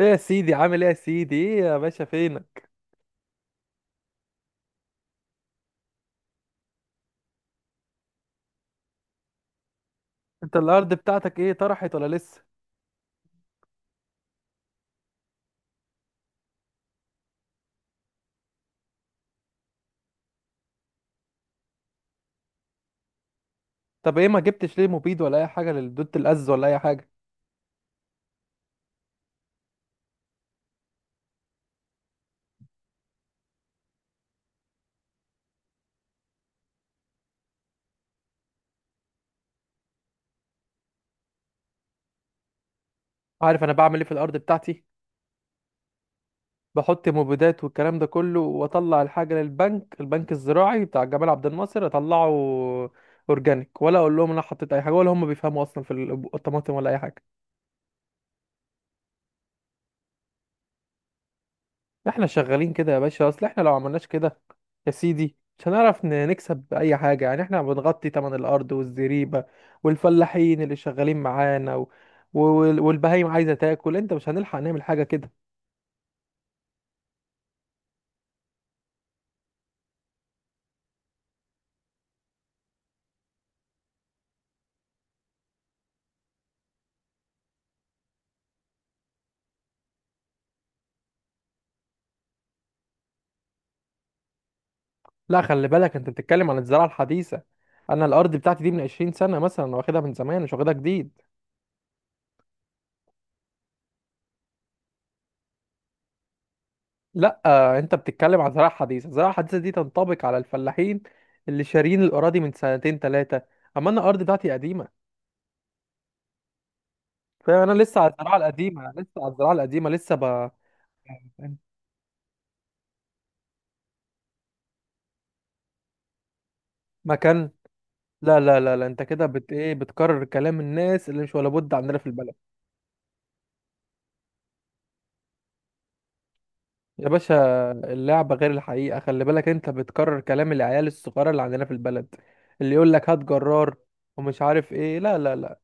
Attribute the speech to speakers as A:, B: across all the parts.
A: ايه يا سيدي، عامل ايه يا سيدي؟ ايه يا باشا، فينك؟ انت الارض بتاعتك ايه، طرحت ولا لسه؟ طب ايه ما جبتش ليه مبيد ولا اي حاجه للدود الأز ولا اي حاجه؟ عارف انا بعمل ايه في الارض بتاعتي؟ بحط مبيدات والكلام ده كله، واطلع الحاجه للبنك، البنك الزراعي بتاع جمال عبد الناصر، اطلعه اورجانيك. ولا اقول لهم انا حطيت اي حاجه؟ ولا هم بيفهموا اصلا في الطماطم ولا اي حاجه؟ احنا شغالين كده يا باشا، اصل احنا لو عملناش كده يا سيدي مش هنعرف نكسب اي حاجة، يعني احنا بنغطي تمن الارض والزريبة والفلاحين اللي شغالين معانا والبهايم عايزة تاكل. انت مش هنلحق نعمل حاجة كده. لا، خلي بالك، انت بتتكلم عن الزراعة الحديثة. انا الارض بتاعتي دي من 20 سنة مثلا، أنا واخدها من زمان مش واخدها جديد. لا انت بتتكلم عن زراعة حديثة. الزراعة الحديثة دي تنطبق على الفلاحين اللي شارين الاراضي من سنتين ثلاثة، اما انا الارض بتاعتي قديمة، فاهم؟ انا لسه على الزراعه القديمه، انا لسه على الزراعه القديمه لسه مكان. لا لا لا لا، انت كده بت ايه، بتكرر كلام الناس اللي مش ولا بد عندنا في البلد. يا باشا، اللعبه غير الحقيقه، خلي بالك انت بتكرر كلام العيال الصغيره اللي عندنا في البلد، اللي يقول لك هات جرار ومش عارف ايه. لا لا لا.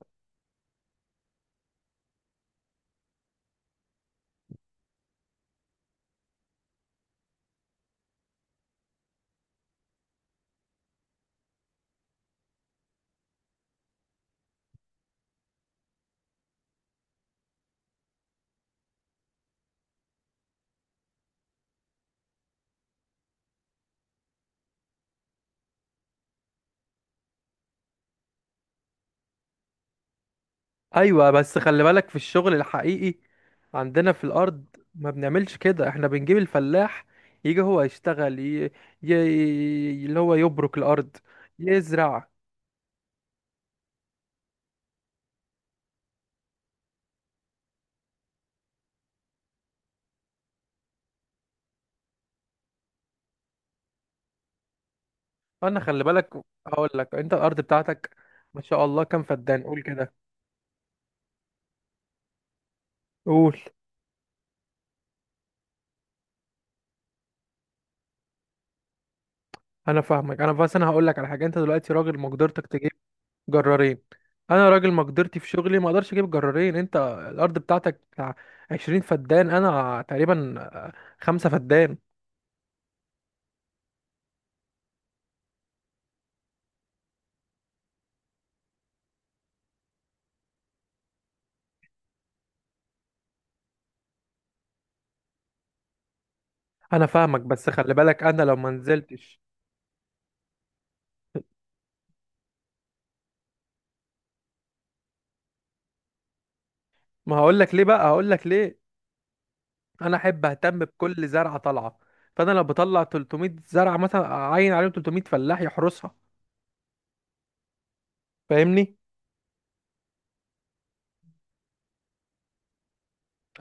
A: ايوه، بس خلي بالك في الشغل الحقيقي عندنا في الارض ما بنعملش كده. احنا بنجيب الفلاح يجي هو يشتغل ي... اللي هو يبرك الارض، يزرع. انا خلي بالك، هقول لك، انت الارض بتاعتك، ما شاء الله، كام فدان؟ قول كده، قول. انا فاهمك، انا بس انا هقول لك على حاجه. انت دلوقتي راجل مقدرتك تجيب جرارين، انا راجل مقدرتي في شغلي ما اقدرش اجيب جرارين. انت الارض بتاعتك بتاع 20 فدان، انا تقريبا خمسة فدان. انا فاهمك، بس خلي بالك انا لو ما نزلتش ما هقول لك ليه بقى، هقول لك ليه. انا احب اهتم بكل زرعه طالعه، فانا لو بطلع 300 زرعه مثلا اعين عليهم 300 فلاح يحرسها، فاهمني؟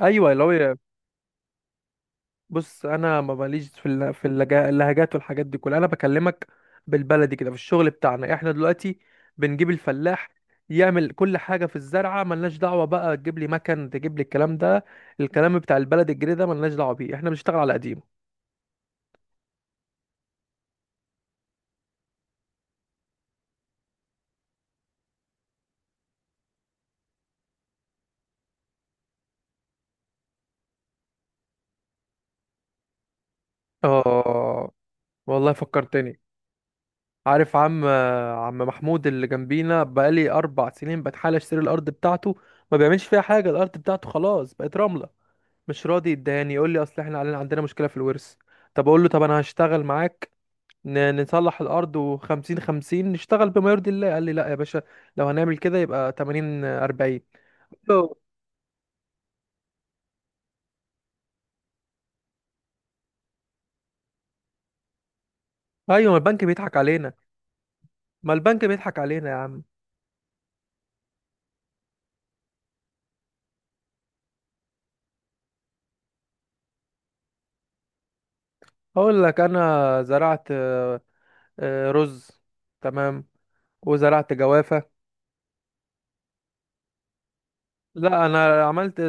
A: ايوه اللي هو. بص انا ما ماليش في اللهجات والحاجات دي كلها، انا بكلمك بالبلدي كده. في الشغل بتاعنا احنا دلوقتي بنجيب الفلاح يعمل كل حاجه في الزرعه، ملناش دعوه بقى تجيب لي مكن، تجيب لي الكلام ده، الكلام بتاع البلد الجديد ده، ملناش دعوه بيه، احنا بنشتغل على قديمه. اه، والله فكرتني، عارف عم، عم محمود اللي جنبينا بقالي اربع سنين بتحاول اشتري الارض بتاعته، ما بيعملش فيها حاجه، الارض بتاعته خلاص بقت رمله، مش راضي يداني، يقول لي اصل احنا علينا عندنا مشكله في الورث. طب اقول له، طب انا هشتغل معاك، نصلح الارض وخمسين خمسين نشتغل بما يرضي الله. قال لي، لا يا باشا، لو هنعمل كده يبقى تمانين اربعين. ايوه. أيوة، ما البنك بيضحك علينا. ما البنك بيضحك علينا يا عم. اقول لك، انا زرعت رز، تمام، وزرعت جوافه. لا، انا عملت،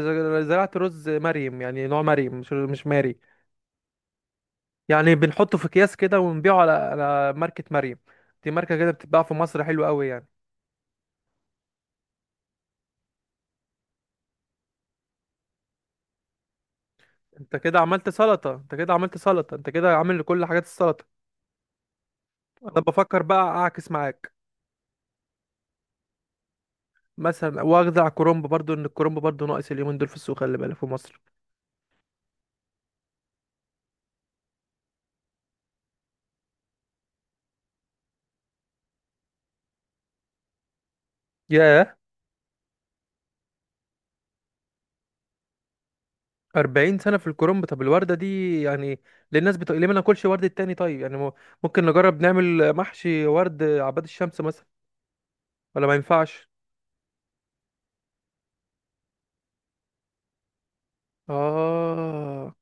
A: زرعت رز مريم، يعني نوع مريم، مش ماري، يعني بنحطه في اكياس كده ونبيعه على على ماركة مريم، دي ماركة كده بتتباع في مصر، حلوة قوي يعني. انت كده عملت سلطة، انت كده عملت سلطة، انت كده عامل كل حاجات السلطة. انا بفكر بقى اعكس معاك، مثلا واخدع كرنب برضو، ان الكرنب برضو ناقص اليومين دول في السوق، خلي بالك، في مصر. ياه، 40 سنة في الكرنب! طب الوردة دي، يعني ليه الناس بتقول ليه ما ناكلش وردة تاني، طيب يعني ممكن نجرب نعمل محشي ورد عباد الشمس مثلا، ولا ما ينفعش؟ اه،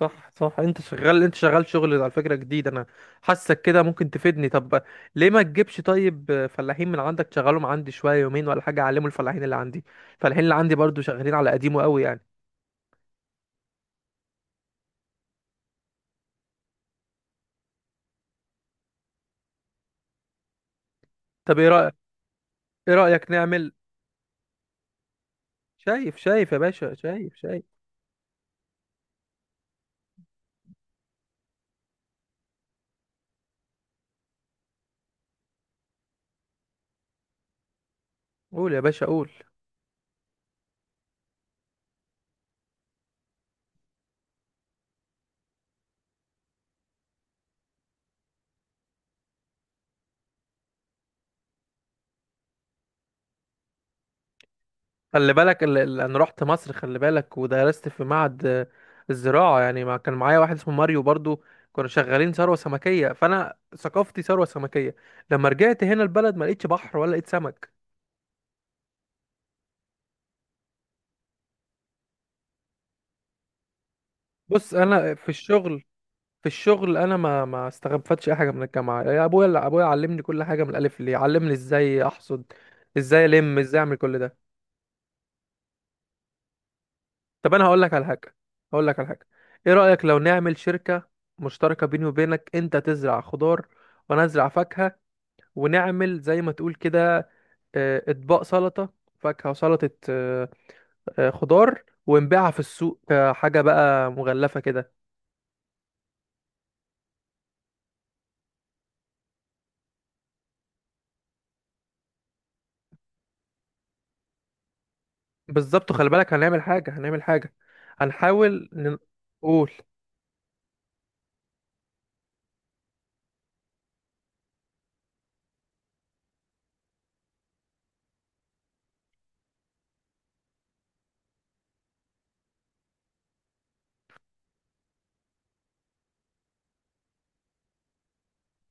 A: صح صح، انت شغال، انت شغال شغل على فكرة جديد، انا حاسك كده ممكن تفيدني. طب ليه ما تجيبش طيب فلاحين من عندك تشغلهم عندي شوية، يومين ولا حاجة، اعلموا الفلاحين اللي عندي. الفلاحين اللي عندي برضو شغالين على قديمه قوي يعني. طب ايه رأيك، ايه رأيك نعمل؟ شايف؟ شايف يا باشا؟ شايف شايف. قول يا باشا، قول. خلي بالك، انا رحت مصر، خلي بالك، ودرست في معهد الزراعة يعني، ما كان معايا واحد اسمه ماريو برضو، كنا شغالين ثروة سمكية، فانا ثقافتي ثروة سمكية. لما رجعت هنا البلد ما لقيتش بحر ولا لقيت سمك. بص، انا في الشغل، في الشغل، انا ما استغفتش اي حاجه من الجامعه، يا ابويا، ابويا علمني كل حاجه من الالف للياء، علمني ازاي احصد، ازاي الم، ازاي اعمل كل ده. طب انا هقول لك على حاجه، هقول لك على حاجه، ايه رايك لو نعمل شركه مشتركه بيني وبينك، انت تزرع خضار وانا ازرع فاكهه، ونعمل زي ما تقول كده، اطباق سلطه، فاكهه وسلطه، خضار، ونبيعها في السوق كحاجه بقى مغلفه كده. بالظبط، خلي بالك، هنعمل حاجه، هنعمل حاجه، هنحاول نقول.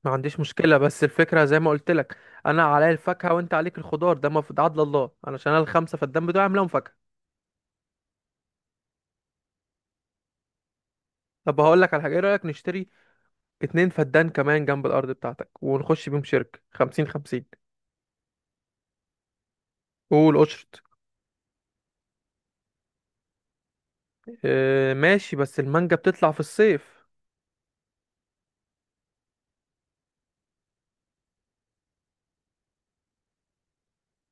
A: ما عنديش مشكله، بس الفكره زي ما قلت لك، انا عليا الفاكهه وانت عليك الخضار، ده مفروض عدل الله، علشان انا الخمسه فالدم بتوعي عاملهم فاكهه. طب هقول لك على حاجه، ايه رايك نشتري اتنين فدان كمان جنب الارض بتاعتك ونخش بيهم شركه خمسين خمسين؟ قول قشط. اه، ماشي، بس المانجا بتطلع في الصيف،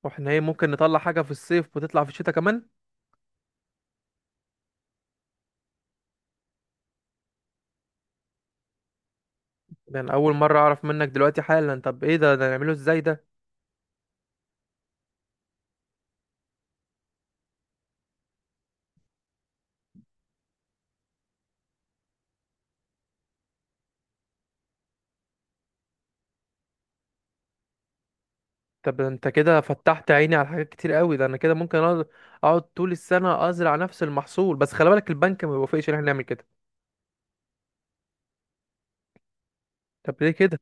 A: واحنا ايه، ممكن نطلع حاجه في الصيف وتطلع في الشتاء كمان؟ ده انا اول مره اعرف منك دلوقتي حالا، طب ايه ده، ده نعمله ازاي ده؟ طب ده انت كده فتحت عيني على حاجات كتير قوي، ده انا كده ممكن اقعد، أقعد طول السنه ازرع نفس المحصول. بس خلي بالك البنك ما بيوافقش ان احنا نعمل كده. طب ليه كده؟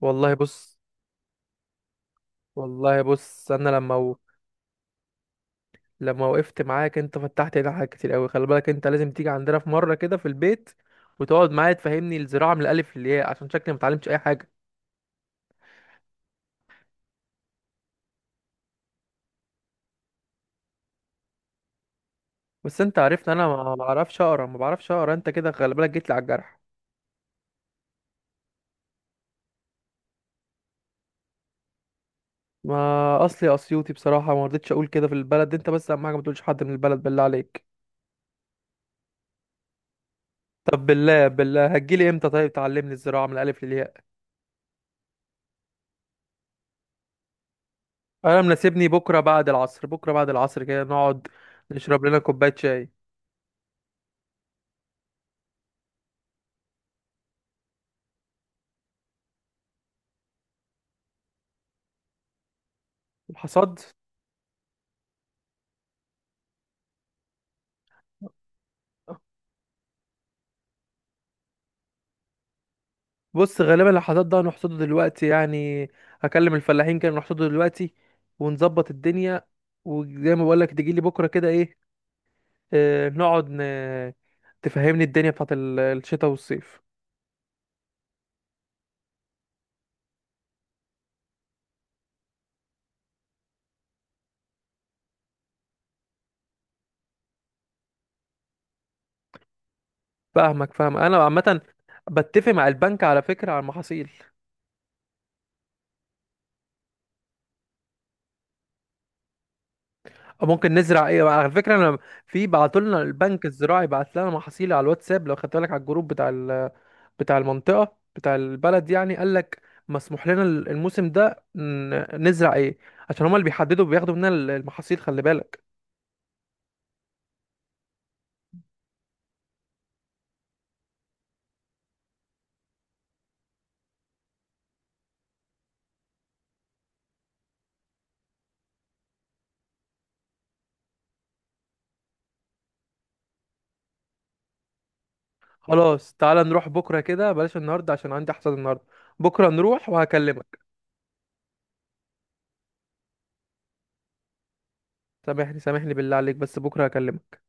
A: والله بص، والله بص انا لما، لما وقفت معاك انت فتحت لي حاجات كتير قوي. خلي بالك انت لازم تيجي عندنا في مره كده في البيت وتقعد معايا تفهمني الزراعه من الالف للياء، عشان شكلي ما اتعلمتش اي حاجه. بس انت عرفت انا ما بعرفش اقرا، ما بعرفش اقرا، انت كده خلي بالك جيت لي على الجرح. ما اصلي اسيوطي بصراحه، ما رضيتش اقول كده في البلد، انت بس اهم حاجه ما تقولش حد من البلد بالله عليك. طب بالله، بالله، هتجيلي امتى طيب تعلمني الزراعه من الالف للياء؟ انا مناسبني بكره بعد العصر، بكره بعد العصر كده نقعد نشرب لنا كوبايه شاي. الحصاد، بص، غالبا لو حصاد ده هنحصده دلوقتي يعني، هكلم الفلاحين كانوا نحصده دلوقتي ونظبط الدنيا. وزي ما بقولك تجيلي بكرة كده، ايه، آه نقعد تفهمني الدنيا بتاعت الشتاء والصيف. فاهمك، فاهم انا، عامة بتفق مع البنك على فكرة على المحاصيل. أو ممكن نزرع ايه، على فكرة انا في بعتولنا البنك الزراعي بعت لنا محاصيل على الواتساب، لو خدت بالك على الجروب بتاع بتاع المنطقة بتاع البلد يعني، قال لك مسموح لنا الموسم ده نزرع ايه، عشان هما اللي بيحددوا بياخدوا مننا المحاصيل، خلي بالك. خلاص، تعالى نروح بكرة كده، بلاش النهاردة عشان عندي حصاد النهاردة، بكرة نروح وهكلمك. سامحني، سامحني بالله عليك، بس بكرة هكلمك.